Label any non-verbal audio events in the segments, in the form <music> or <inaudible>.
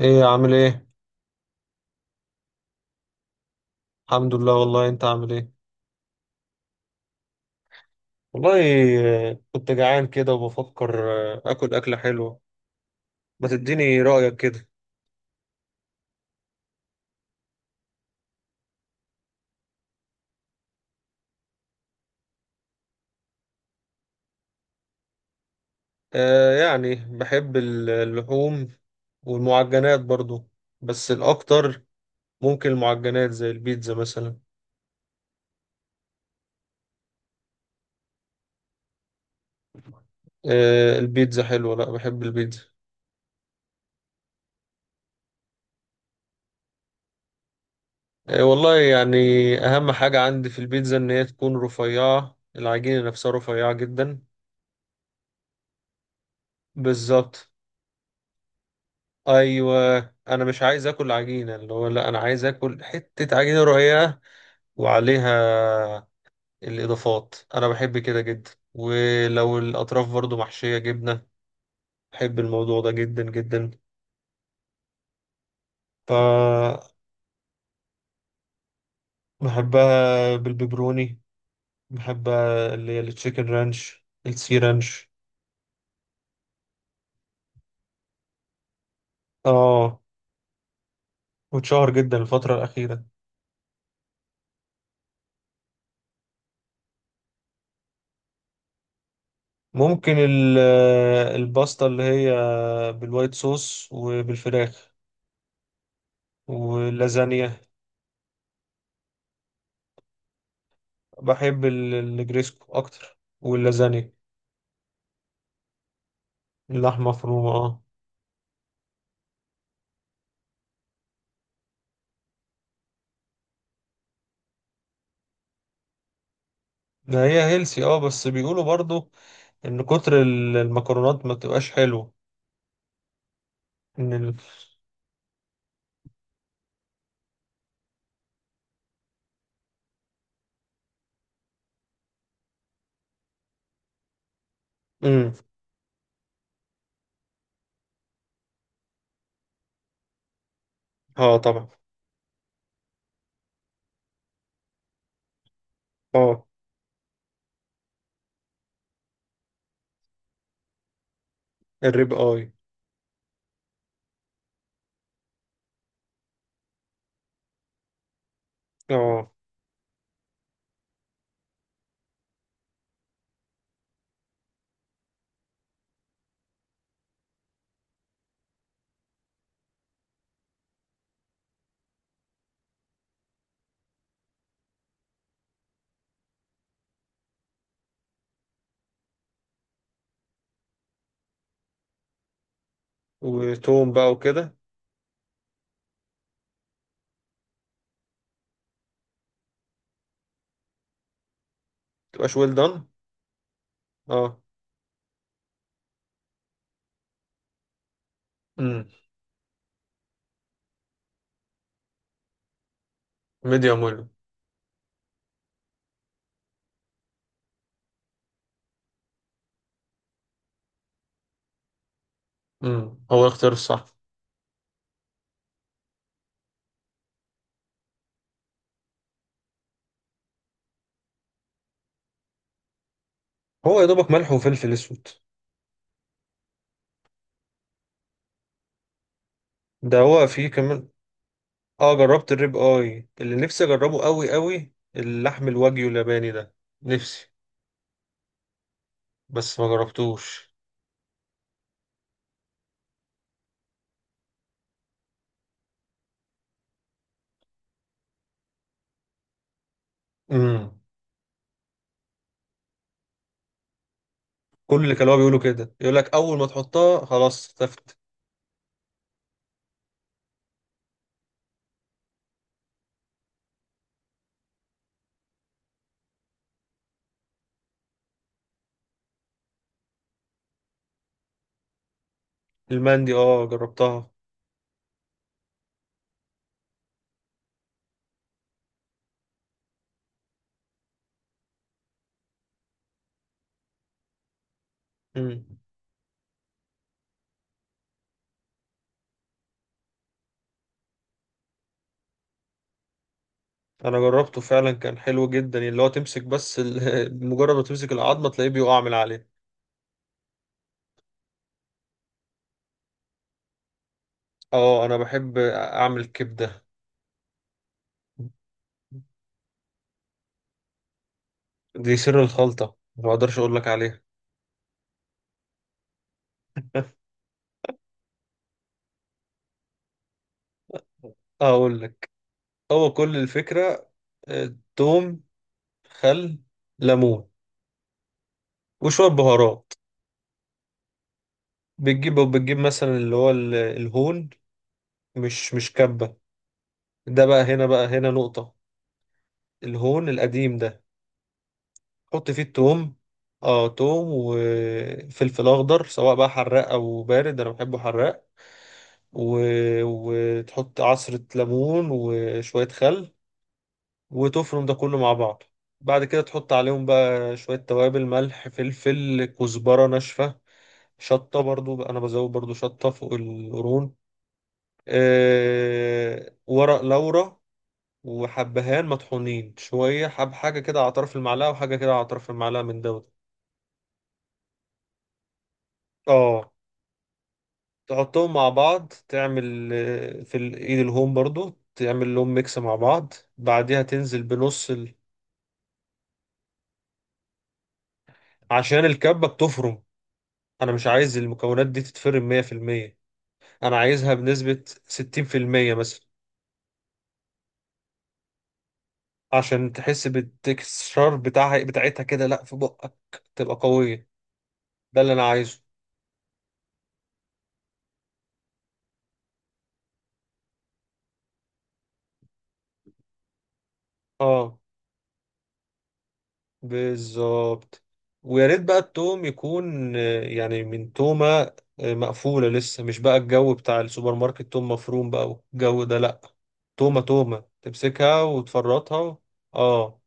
ايه عامل ايه؟ الحمد لله والله. انت عامل ايه؟ والله. كنت جعان كده وبفكر اكل اكلة حلوة. ما تديني رأيك كده. آه، يعني بحب اللحوم والمعجنات برضو، بس الاكتر ممكن المعجنات زي البيتزا مثلا. آه البيتزا حلوة، لا بحب البيتزا. آه والله يعني اهم حاجة عندي في البيتزا ان هي تكون رفيعة، العجينة نفسها رفيعة جدا. بالظبط. ايوه، انا مش عايز اكل عجينه اللي هو، لا انا عايز اكل حته عجينه رقيقه، وعليها الاضافات. انا بحب كده جدا، ولو الاطراف برضو محشيه جبنه بحب الموضوع ده جدا جدا. ف بحبها بالبيبروني، بحبها اللي هي التشيكن رانش، السي رانش. اه، واتشهر جدا الفتره الاخيره. ممكن الباستا اللي هي بالوايت صوص وبالفراخ، واللازانيا. بحب الجريسكو اكتر واللازانيا. اللحمه مفرومه، اه. ده هي هيلسي، اه، بس بيقولوا برضو ان كتر المكرونات ما تبقاش حلوه. ان ال... امم اه طبعا. اه الريب اي. اه، وتوم بقى وكده. تبقاش ويل دان. اه. امم. ميديوم ويل. امم، هو الاختيار الصح. هو يا دوبك ملح وفلفل اسود. ده هو فيه كمان. اه جربت الريب اي، اللي نفسي اجربه قوي قوي اللحم الواجيو الياباني ده، نفسي، بس ما جربتوش. امم كل اللي كانوا بيقولوا كده يقول لك اول ما تحطها خلاص اختفت. المندي، اه جربتها. امم انا جربته فعلا، كان حلو جدا يعني، اللي هو تمسك بس ال- <laughs> مجرد ما تمسك العظمه تلاقيه بيقع من عليه. اه، انا بحب اعمل كبده. دي سر الخلطه ما اقدرش اقول لك عليها. اقول لك، هو كل الفكره توم، خل، ليمون، وشويه بهارات. بتجيب مثلا اللي هو الهون، مش كبه، ده بقى هنا، بقى هنا نقطة. الهون القديم ده، حط فيه التوم. اه، توم وفلفل اخضر، سواء بقى حراق او بارد، انا بحبه حراق. و... وتحط عصرة ليمون وشوية خل، وتفرم ده كله مع بعض. بعد كده تحط عليهم بقى شوية توابل: ملح، فلفل، كزبرة ناشفة، شطة. برضو انا بزود برضو شطة فوق القرون. آه... ورق لورا، وحبهان مطحونين شوية، حب حاجة كده على طرف المعلقة، وحاجة كده على طرف المعلقة من دوت. اه، تحطهم مع بعض، تعمل في الايد الهوم برضو تعمل لهم ميكس مع بعض. بعديها تنزل بنص ال... عشان الكبة بتفرم، انا مش عايز المكونات دي تتفرم 100%. انا عايزها بنسبة 60% مثلا، عشان تحس بالتكستشر بتاعها بتاعتها كده لا في بقك، تبقى قوية. ده اللي انا عايزه. اه، بالظبط. ويا ريت بقى التوم يكون يعني من تومة مقفولة لسه، مش بقى الجو بتاع السوبر ماركت توم مفروم بقى والجو ده، لأ. تومة تومة تمسكها وتفرطها و... اه.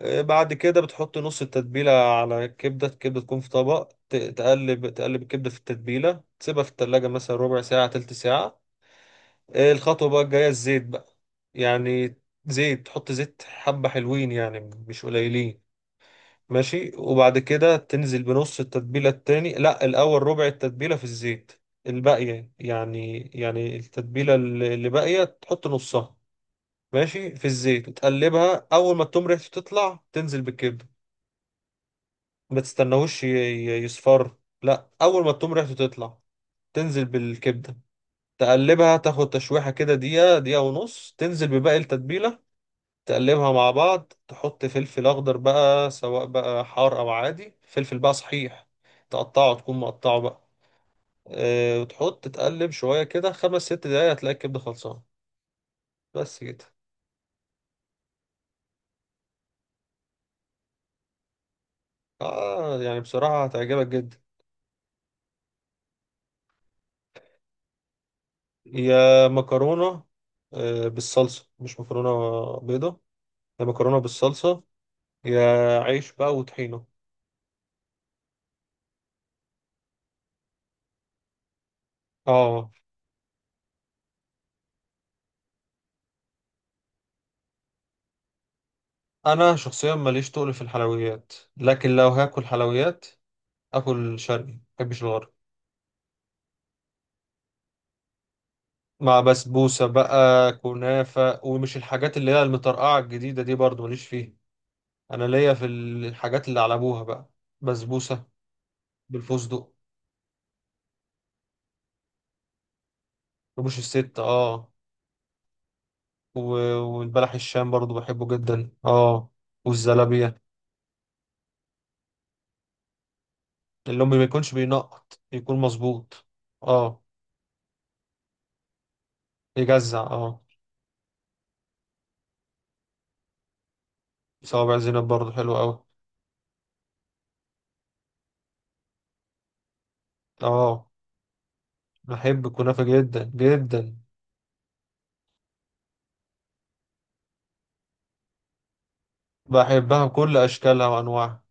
بعد كده بتحط نص التتبيلة على الكبدة، الكبدة تكون في طبق، تقلب الكبدة في التتبيلة، تسيبها في التلاجة مثلا ربع ساعة، تلت ساعة. الخطوة بقى الجاية الزيت بقى، يعني زيت، تحط زيت حبة حلوين يعني، مش قليلين. ماشي، وبعد كده تنزل بنص التتبيلة التاني، لا الأول ربع التتبيلة في الزيت، الباقية يعني، التتبيلة اللي باقية تحط نصها، ماشي، في الزيت وتقلبها. أول ما التوم ريحته تطلع، تنزل بالكبدة. ما تستناهوش يصفر، لا، أول ما التوم ريحته تطلع تنزل بالكبدة. تقلبها، تاخد تشويحة كده دقيقة، دقيقة ونص، تنزل بباقي التتبيلة، تقلبها مع بعض. تحط فلفل اخضر بقى، سواء بقى حار او عادي، فلفل بقى صحيح تقطعه، تكون مقطعه بقى. أه، وتحط تقلب شويه كده خمس ست دقايق، هتلاقي الكبده خلصانه، بس كده. اه، يعني بصراحه هتعجبك جدا. يا مكرونه، أه بالصلصه مش مكرونه بيضه، يا مكرونه بالصلصه، يا عيش بقى وطحينه. اه، انا شخصيا ماليش تقل في الحلويات، لكن لو هاكل حلويات اكل شرقي، مبحبش الغربي. مع بسبوسة بقى، كنافة، ومش الحاجات اللي هي المطرقعة الجديدة دي برضو ماليش فيها. أنا ليا في الحاجات اللي على أبوها بقى، بسبوسة بالفستق. رموش الست، اه. و- والبلح الشام برضو بحبه جدا، اه. والزلابية اللي أمي، ما يكونش بينقط، يكون مظبوط. اه. يجزع، اه. صوابع زينب برضو حلو أوي. اه، بحب الكنافة جدا جدا، بحبها بكل أشكالها وأنواعها.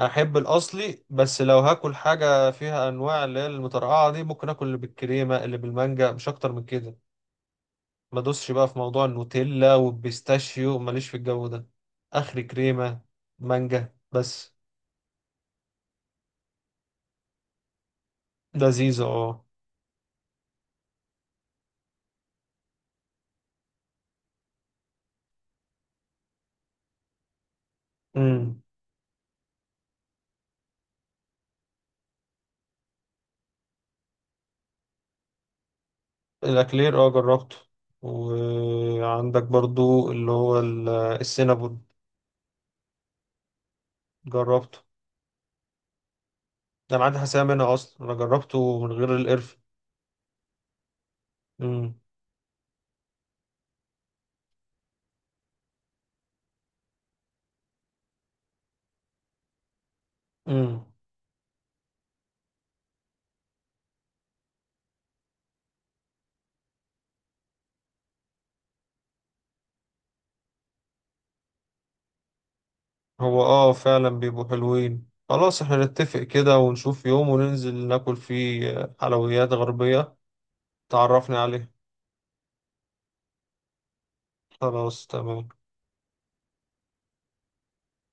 احب الاصلي، بس لو هاكل حاجه فيها انواع اللي هي المترقعه دي، ممكن اكل اللي بالكريمه، اللي بالمانجا، مش اكتر من كده. ما ادوسش بقى في موضوع النوتيلا والبيستاشيو، ماليش في الجو ده. اخري كريمه، مانجا بس. لذيذه، اه. امم. الاكلير اه جربته، وعندك برضو اللي هو السينابون جربته. ده انا عندي حساسيه منها اصلا، انا جربته من غير القرفه. امم. هو اه فعلا بيبقوا حلوين. خلاص احنا نتفق كده ونشوف يوم وننزل ناكل فيه حلويات غربية، تعرفني عليه. خلاص تمام.